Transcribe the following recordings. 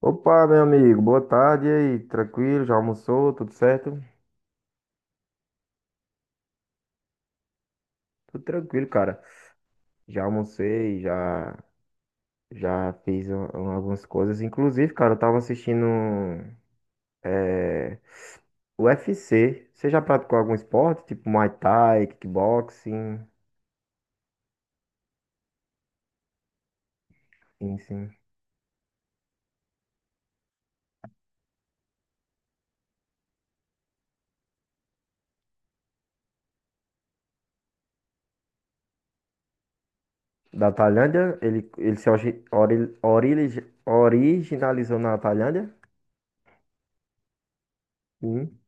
Opa, meu amigo, boa tarde, e aí, tranquilo? Já almoçou? Tudo certo? Tudo tranquilo, cara. Já almocei, já, algumas coisas. Inclusive, cara, eu tava assistindo é, UFC. Você já praticou algum esporte? Tipo Muay Thai, kickboxing, enfim. Da Tailândia? Ele se originalizou na Tailândia? Sim,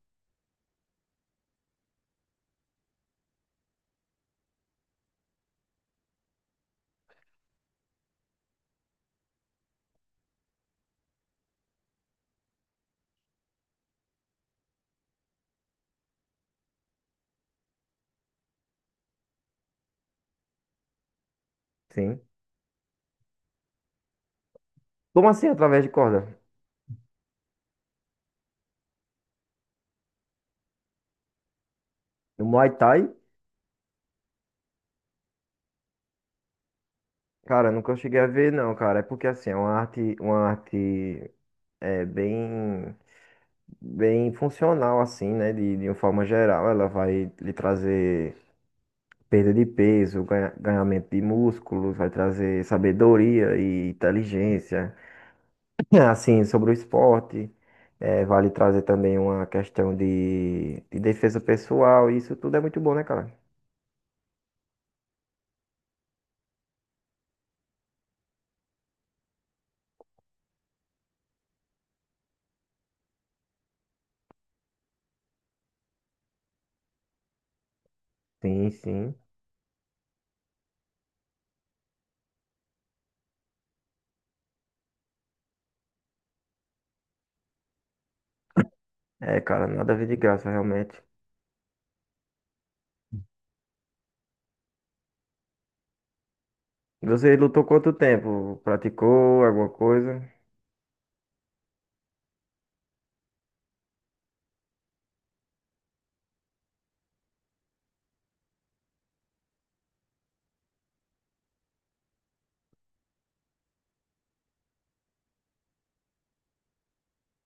sim. Como assim, através de corda? No Muay Thai? Cara, nunca cheguei a ver, não, cara. É porque assim, é uma arte, bem, bem funcional, assim, né? De uma forma geral. Ela vai lhe trazer perda de peso, ganha, ganhamento de músculos, vai trazer sabedoria e inteligência, assim, sobre o esporte. É, vai lhe trazer também uma questão de defesa pessoal. E isso tudo é muito bom, né, cara? Sim, sim. É, cara, nada a ver de graça, realmente. Você lutou quanto tempo? Praticou alguma coisa?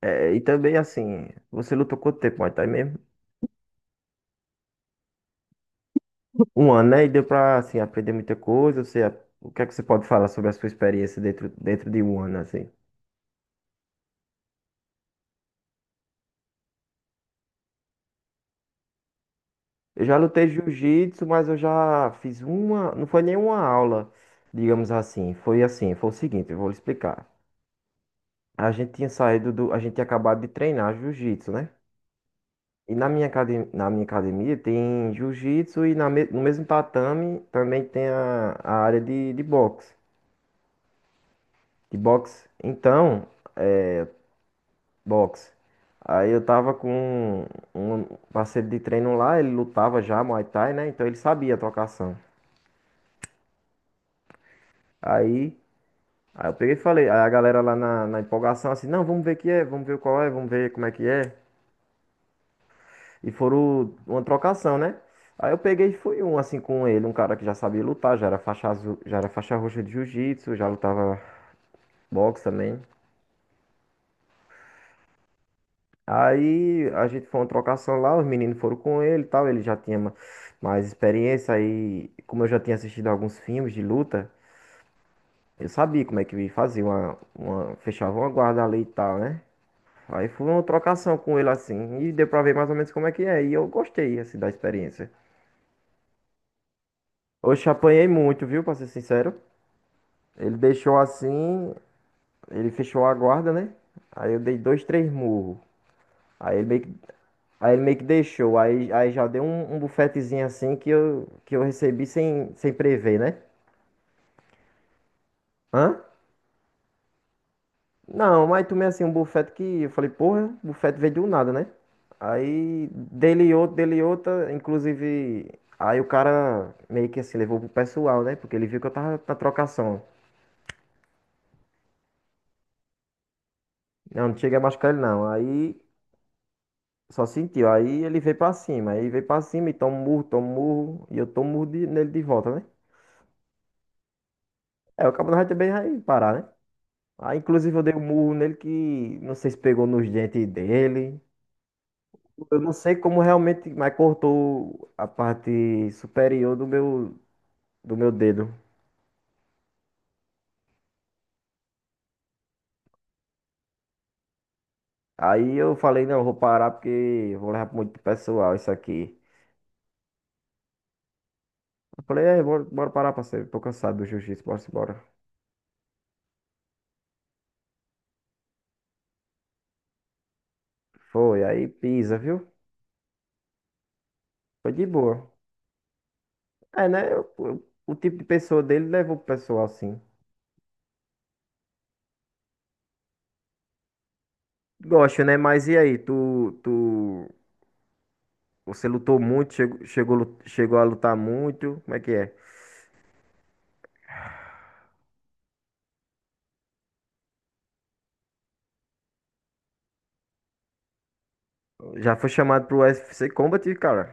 É, e também assim, você lutou quanto tempo, Muay Thai mesmo? Um ano, né? E deu pra assim, aprender muita coisa. Você, o que é que você pode falar sobre a sua experiência dentro, dentro de um ano, assim? Eu já lutei jiu-jitsu, mas eu já fiz uma. Não foi nenhuma aula, digamos assim. Foi assim, foi o seguinte, eu vou lhe explicar. A gente tinha saído do. A gente tinha acabado de treinar jiu-jitsu, né? E na minha academia tem jiu-jitsu e no mesmo tatame também tem a área de boxe. De boxe. Então. Boxe. Aí eu tava com um parceiro de treino lá, ele lutava já Muay Thai, né? Então ele sabia a trocação. Aí, aí eu peguei e falei, aí a galera lá na empolgação assim, não, vamos ver que é, vamos ver qual é, vamos ver como é que é. E foram uma trocação, né? Aí eu peguei e fui um assim com ele, um cara que já sabia lutar, já era faixa azul, já era faixa roxa de jiu-jitsu, já lutava boxe também. Aí a gente foi uma trocação lá, os meninos foram com ele e tal, ele já tinha mais experiência aí, como eu já tinha assistido alguns filmes de luta, eu sabia como é que fazia fechava uma guarda ali e tal, né? Aí foi uma trocação com ele assim, e deu pra ver mais ou menos como é que é, e eu gostei assim da experiência. Hoje apanhei muito, viu, pra ser sincero. Ele deixou assim, ele fechou a guarda, né? Aí eu dei dois, três murros. Aí ele meio que Aí ele meio que deixou. Aí já deu um bufetezinho assim que eu que eu recebi sem prever, né? Hã? Não, mas tomei assim um bufete que eu falei, porra, bufete veio do nada, né? Aí dele outro, dele outra, inclusive. Aí o cara meio que assim levou pro pessoal, né? Porque ele viu que eu tava na trocação. Não, não cheguei a machucar ele não. Aí só sentiu. Aí ele veio pra cima. Aí veio pra cima e toma um murro, toma um murro. E eu tomo um nele de volta, né? É, o cabo não vai também vai parar, né? Aí, inclusive, eu dei um murro nele que não sei se pegou nos dentes dele. Eu não sei como realmente, mas cortou a parte superior do meu dedo. Aí eu falei, não, eu vou parar porque eu vou levar pro muito pessoal isso aqui. Eu falei, é, bora, bora parar, parceiro. Tô cansado do jiu-jitsu, bora embora. Foi, aí pisa, viu? Foi de boa. É, né? O tipo de pessoa dele levou pro pessoal, assim. Gosto, né? Mas e aí, tu, tu você lutou muito, chegou a lutar muito. Como é que é? Já foi chamado pro UFC Combat, cara?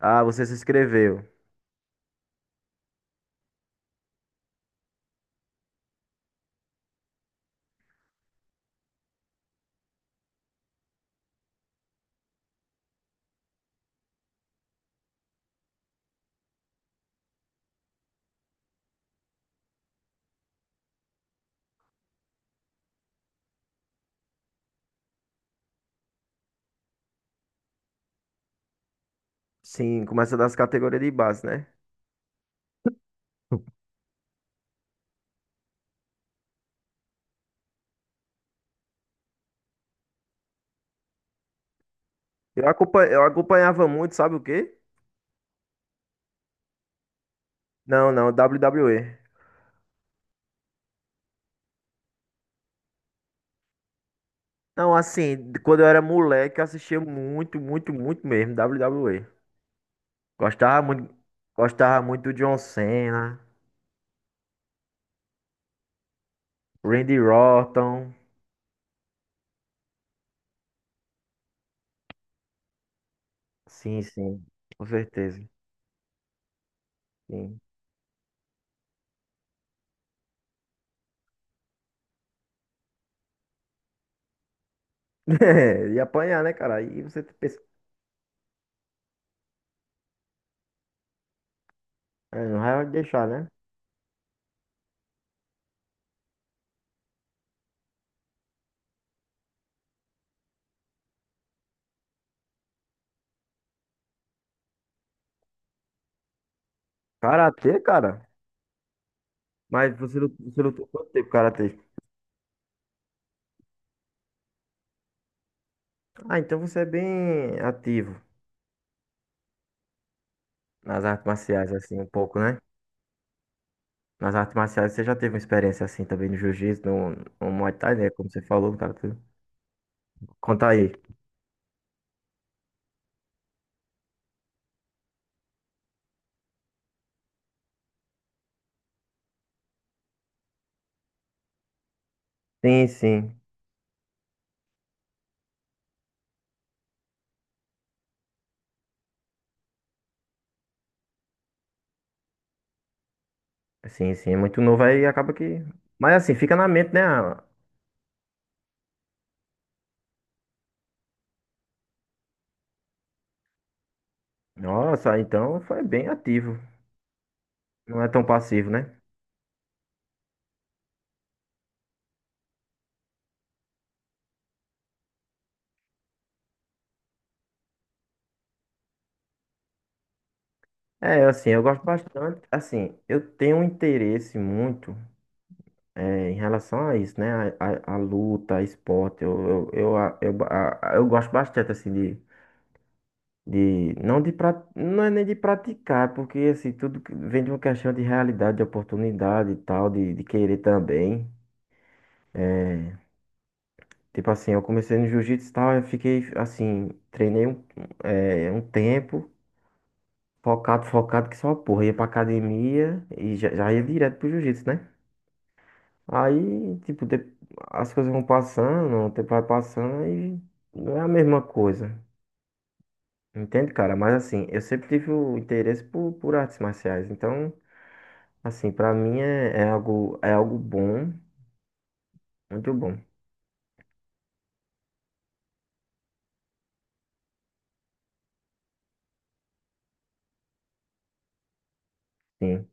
Ah, você se inscreveu. Sim, começa das categorias de base, né? Eu acompanhava muito, sabe o quê? Não, não, WWE. Não, assim, quando eu era moleque, eu assistia muito, muito, muito mesmo WWE. Gostava muito, gostava muito do John Cena, Randy Orton. Sim, sim, com certeza. Sim. É, e apanhar, né, cara? Aí você é, não vai deixar, né? Karatê, cara? Mas você lutou quanto tempo karatê? Ah, então você é bem ativo nas artes marciais, assim, um pouco, né? Nas artes marciais você já teve uma experiência assim também no jiu-jitsu, no, no Muay Thai, né? Como você falou, no karatê. Conta aí. Sim, sim. Sim, sim. É muito novo aí acaba que. Mas assim, fica na mente, né? Ah, nossa, então foi bem ativo. Não é tão passivo, né? É, assim, eu gosto bastante. Assim, eu tenho um interesse muito. É, em relação a isso, né? A luta, a esporte, eu, a- eu, ba- a- eu gosto bastante, assim, de não de pra, não é nem de praticar, porque, assim, tudo que- vem de uma questão de realidade, de oportunidade e tal, de querer também. Tipo assim, eu comecei no jiu-jitsu e tal, eu fiquei, assim, um tempo, focado, focado, que só, uma porra, ia pra academia e já, já ia direto pro jiu-jitsu, né? Aí, tipo, de- As coisas vão passando, o tempo vai passando e não é a mesma coisa. Entende, cara? Mas assim, eu sempre tive o interesse por artes marciais. Então, assim, pra mim é, é algo bom, muito bom. Sim.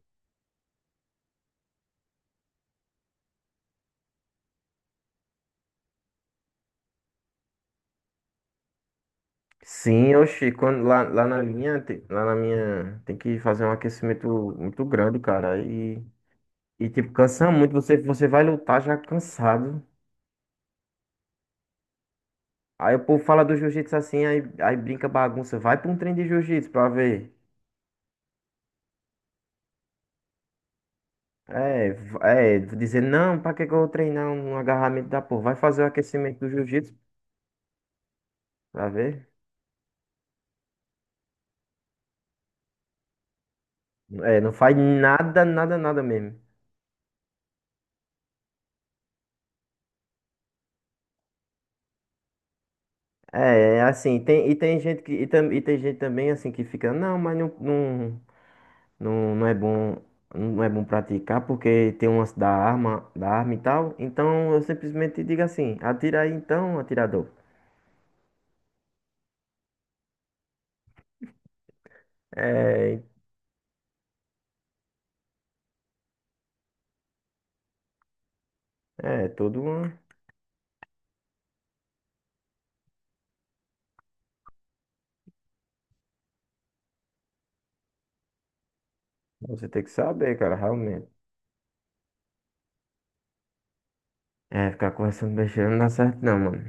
Sim, oxi, quando lá, lá na minha, te- lá na minha, tem que fazer um aquecimento muito grande, cara. E tipo, cansa muito, você vai lutar já cansado. Aí o povo fala do jiu-jitsu assim, aí brinca bagunça. Vai pra um treino de jiu-jitsu pra ver. Dizer, não, pra que que eu vou treinar um agarramento da porra? Vai fazer o aquecimento do jiu-jitsu pra ver. É, não faz nada, nada, nada mesmo. É, é assim, tem, e tem gente que, e, tam, e tem gente também assim que fica, não, mas não é bom, não é bom praticar porque tem umas da arma e tal. Então eu simplesmente digo assim, atira aí então, atirador. É, é tudo uma, você tem que saber, cara, realmente. É, ficar conversando besteira não dá certo não, mano.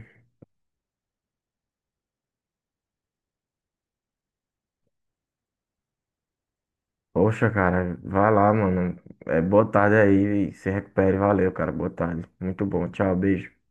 Poxa, cara, vai lá, mano. É, boa tarde aí. Se recupere. Valeu, cara. Boa tarde. Muito bom. Tchau, beijo.